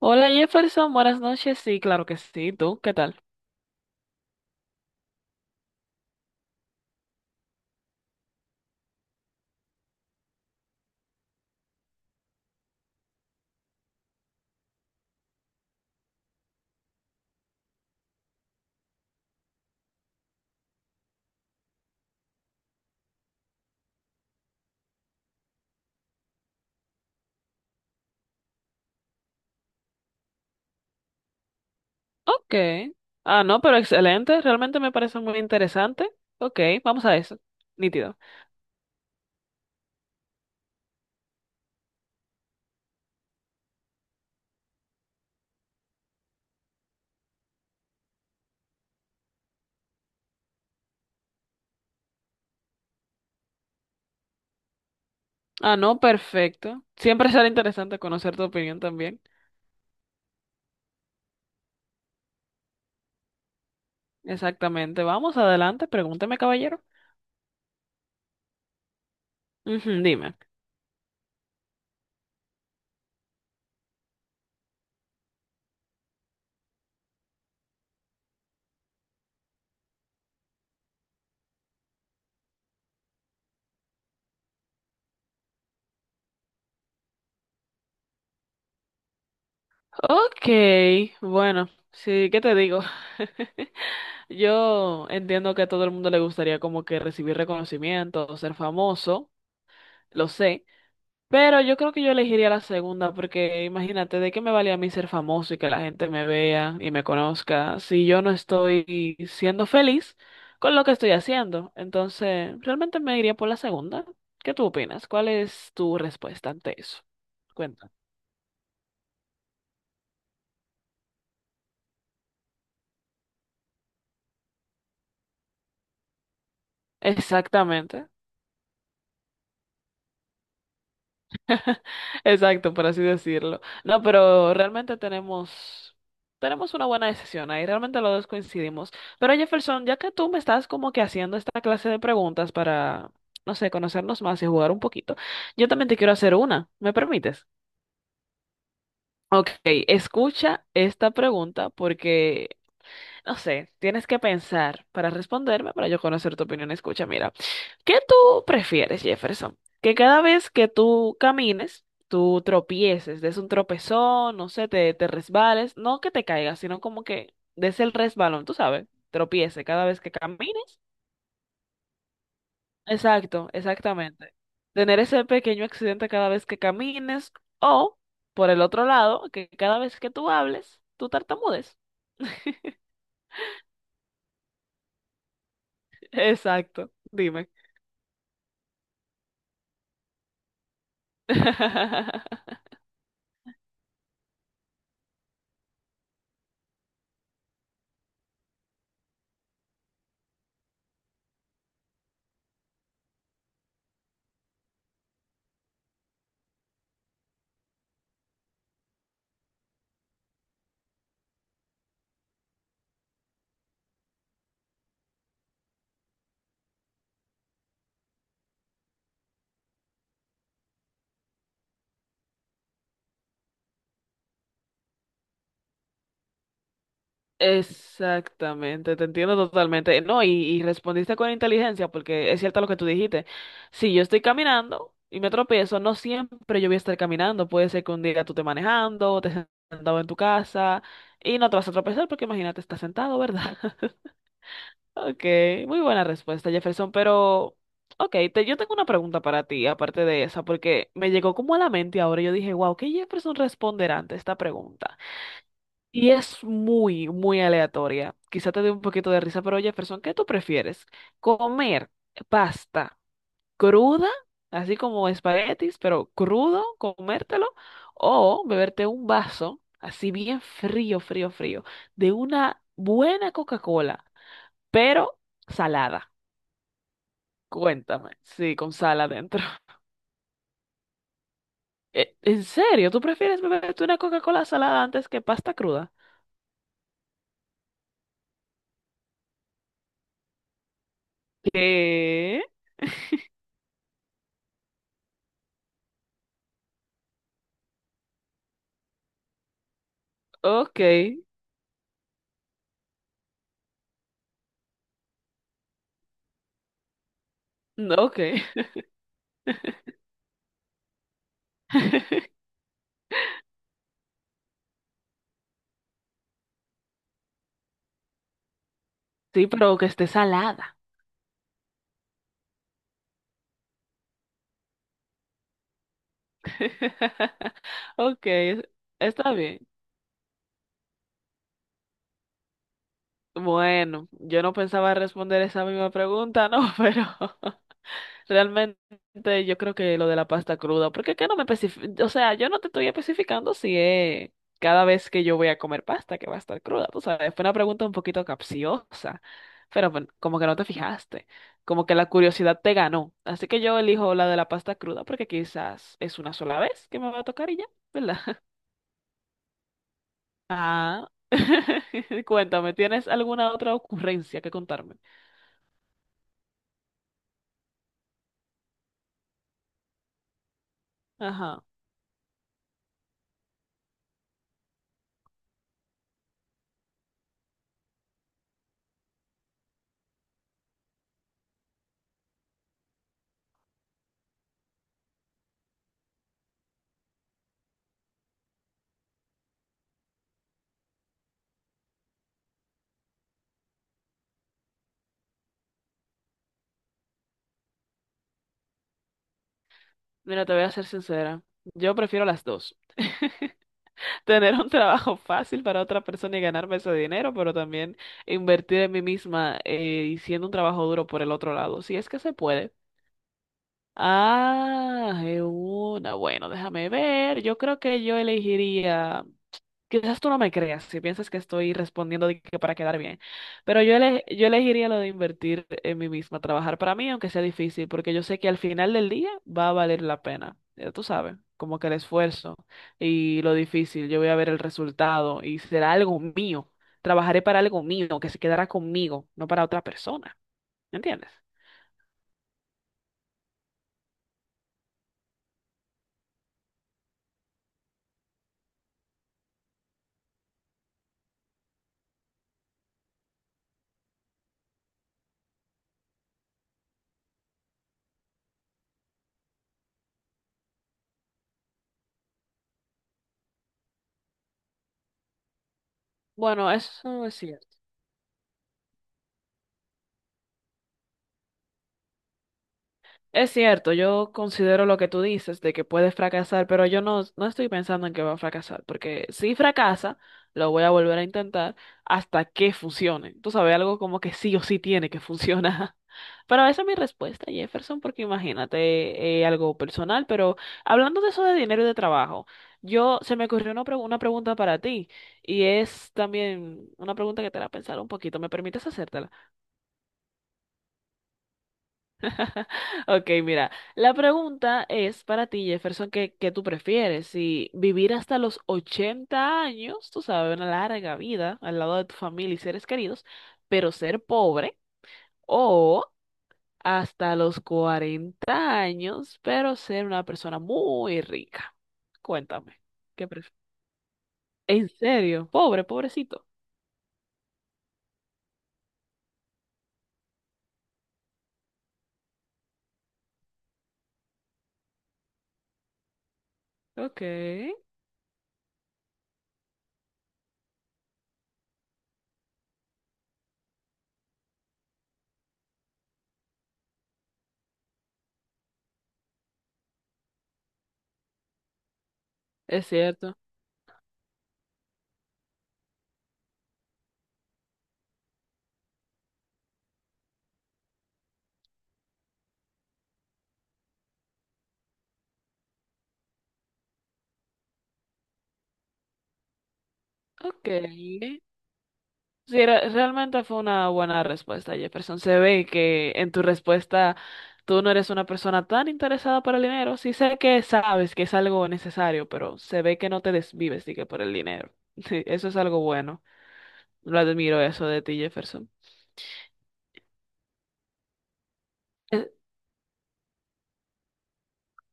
Hola Jefferson, buenas noches. Sí, claro que sí. ¿Tú qué tal? Ok. No, pero excelente. Realmente me parece muy interesante. Ok, vamos a eso. Nítido. No, perfecto. Siempre será interesante conocer tu opinión también. Exactamente. Vamos adelante. Pregúntame, caballero. Ujú, dime. Ok, bueno, sí, ¿qué te digo? Yo entiendo que a todo el mundo le gustaría como que recibir reconocimiento o ser famoso. Lo sé. Pero yo creo que yo elegiría la segunda porque imagínate, ¿de qué me vale a mí ser famoso y que la gente me vea y me conozca si yo no estoy siendo feliz con lo que estoy haciendo? Entonces, realmente me iría por la segunda. ¿Qué tú opinas? ¿Cuál es tu respuesta ante eso? Cuenta. Exactamente. Exacto, por así decirlo. No, pero realmente tenemos una buena decisión ahí, realmente los dos coincidimos. Pero Jefferson, ya que tú me estás como que haciendo esta clase de preguntas para, no sé, conocernos más y jugar un poquito, yo también te quiero hacer una, ¿me permites? Ok, escucha esta pregunta porque no sé, tienes que pensar para responderme, para yo conocer tu opinión. Escucha, mira, ¿qué tú prefieres, Jefferson? Que cada vez que tú camines, tú tropieces, des un tropezón, no sé, te resbales, no que te caigas, sino como que des el resbalón, tú sabes, tropiece cada vez que camines. Exacto, exactamente. Tener ese pequeño accidente cada vez que camines o, por el otro lado, que cada vez que tú hables, tú tartamudes. Exacto, dime. Exactamente, te entiendo totalmente. No, y respondiste con inteligencia, porque es cierto lo que tú dijiste. Si yo estoy caminando y me tropiezo, no siempre yo voy a estar caminando. Puede ser que un día tú te manejando, o te sentado en tu casa y no te vas a tropezar porque imagínate, estás sentado, ¿verdad? Ok, muy buena respuesta, Jefferson, pero ok, te, yo tengo una pregunta para ti, aparte de esa, porque me llegó como a la mente ahora. Yo dije, wow, ¿qué Jefferson responderá ante esta pregunta? Y es muy aleatoria. Quizá te dé un poquito de risa, pero Jefferson, ¿qué tú prefieres? ¿Comer pasta cruda, así como espaguetis, pero crudo, comértelo? ¿O beberte un vaso, así bien frío, de una buena Coca-Cola, pero salada? Cuéntame, sí, con sal adentro. ¿En serio? ¿Tú prefieres beberte una Coca-Cola salada antes que pasta cruda? ¿Qué? Ok, ok. Sí, pero que esté salada. Ok, está bien. Bueno, yo no pensaba responder esa misma pregunta, no, pero realmente yo creo que lo de la pasta cruda, porque que no me especifica, o sea, yo no te estoy especificando si es cada vez que yo voy a comer pasta que va a estar cruda, tú sabes, fue una pregunta un poquito capciosa, pero bueno, como que no te fijaste, como que la curiosidad te ganó, así que yo elijo la de la pasta cruda porque quizás es una sola vez que me va a tocar y ya, ¿verdad? Ah, cuéntame, ¿tienes alguna otra ocurrencia que contarme? Ajá, mira, te voy a ser sincera. Yo prefiero las dos. Tener un trabajo fácil para otra persona y ganarme ese dinero, pero también invertir en mí misma y siendo un trabajo duro por el otro lado, si es que se puede. Ah, es una. Bueno, déjame ver. Yo creo que yo elegiría. Quizás tú no me creas si piensas que estoy respondiendo de que para quedar bien, pero yo elegiría lo de invertir en mí misma, trabajar para mí, aunque sea difícil, porque yo sé que al final del día va a valer la pena. Ya tú sabes, como que el esfuerzo y lo difícil, yo voy a ver el resultado y será algo mío. Trabajaré para algo mío, que se quedará conmigo, no para otra persona. ¿Me entiendes? Bueno, eso es cierto. Es cierto, yo considero lo que tú dices de que puedes fracasar, pero yo no, no estoy pensando en que va a fracasar, porque si fracasa, lo voy a volver a intentar hasta que funcione. Tú sabes, algo como que sí o sí tiene que funcionar. Pero esa es mi respuesta, Jefferson, porque imagínate algo personal, pero hablando de eso de dinero y de trabajo, yo se me ocurrió una pregunta para ti y es también una pregunta que te hará pensar un poquito. ¿Me permites hacértela? Ok, mira, la pregunta es para ti, Jefferson, ¿qué, qué tú prefieres? Si vivir hasta los 80 años, tú sabes, una larga vida al lado de tu familia y seres queridos, pero ser pobre, o hasta los 40 años, pero ser una persona muy rica. Cuéntame, ¿qué prefieres? ¿En serio? Pobre, pobrecito. Ok, es cierto. Ok. Sí, realmente fue una buena respuesta, Jefferson. Se ve que en tu respuesta tú no eres una persona tan interesada por el dinero. Sí sé que sabes que es algo necesario, pero se ve que no te desvives, que por el dinero. Sí, eso es algo bueno. Lo admiro eso de ti, Jefferson. Eh,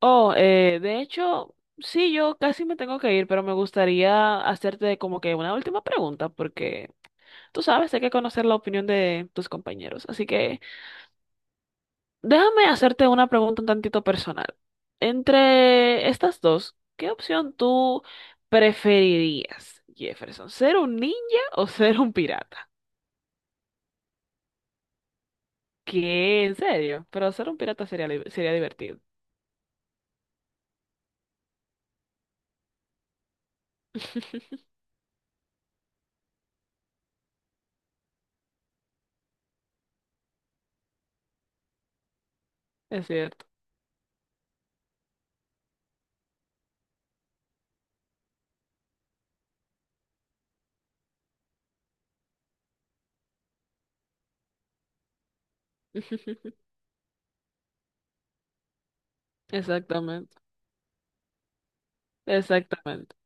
Oh, de hecho, sí, yo casi me tengo que ir, pero me gustaría hacerte como que una última pregunta, porque tú sabes, hay que conocer la opinión de tus compañeros. Así que... Déjame hacerte una pregunta un tantito personal. Entre estas dos, ¿qué opción tú preferirías, Jefferson? ¿Ser un ninja o ser un pirata? ¿Qué? ¿En serio? Pero ser un pirata sería, sería divertido. Es cierto. Exactamente. Exactamente.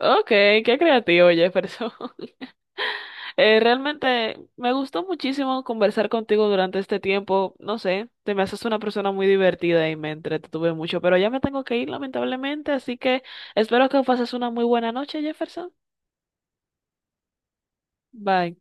Ok, qué creativo, Jefferson. Realmente me gustó muchísimo conversar contigo durante este tiempo. No sé, te me haces una persona muy divertida y me entretuve mucho, pero ya me tengo que ir lamentablemente, así que espero que pases una muy buena noche, Jefferson. Bye.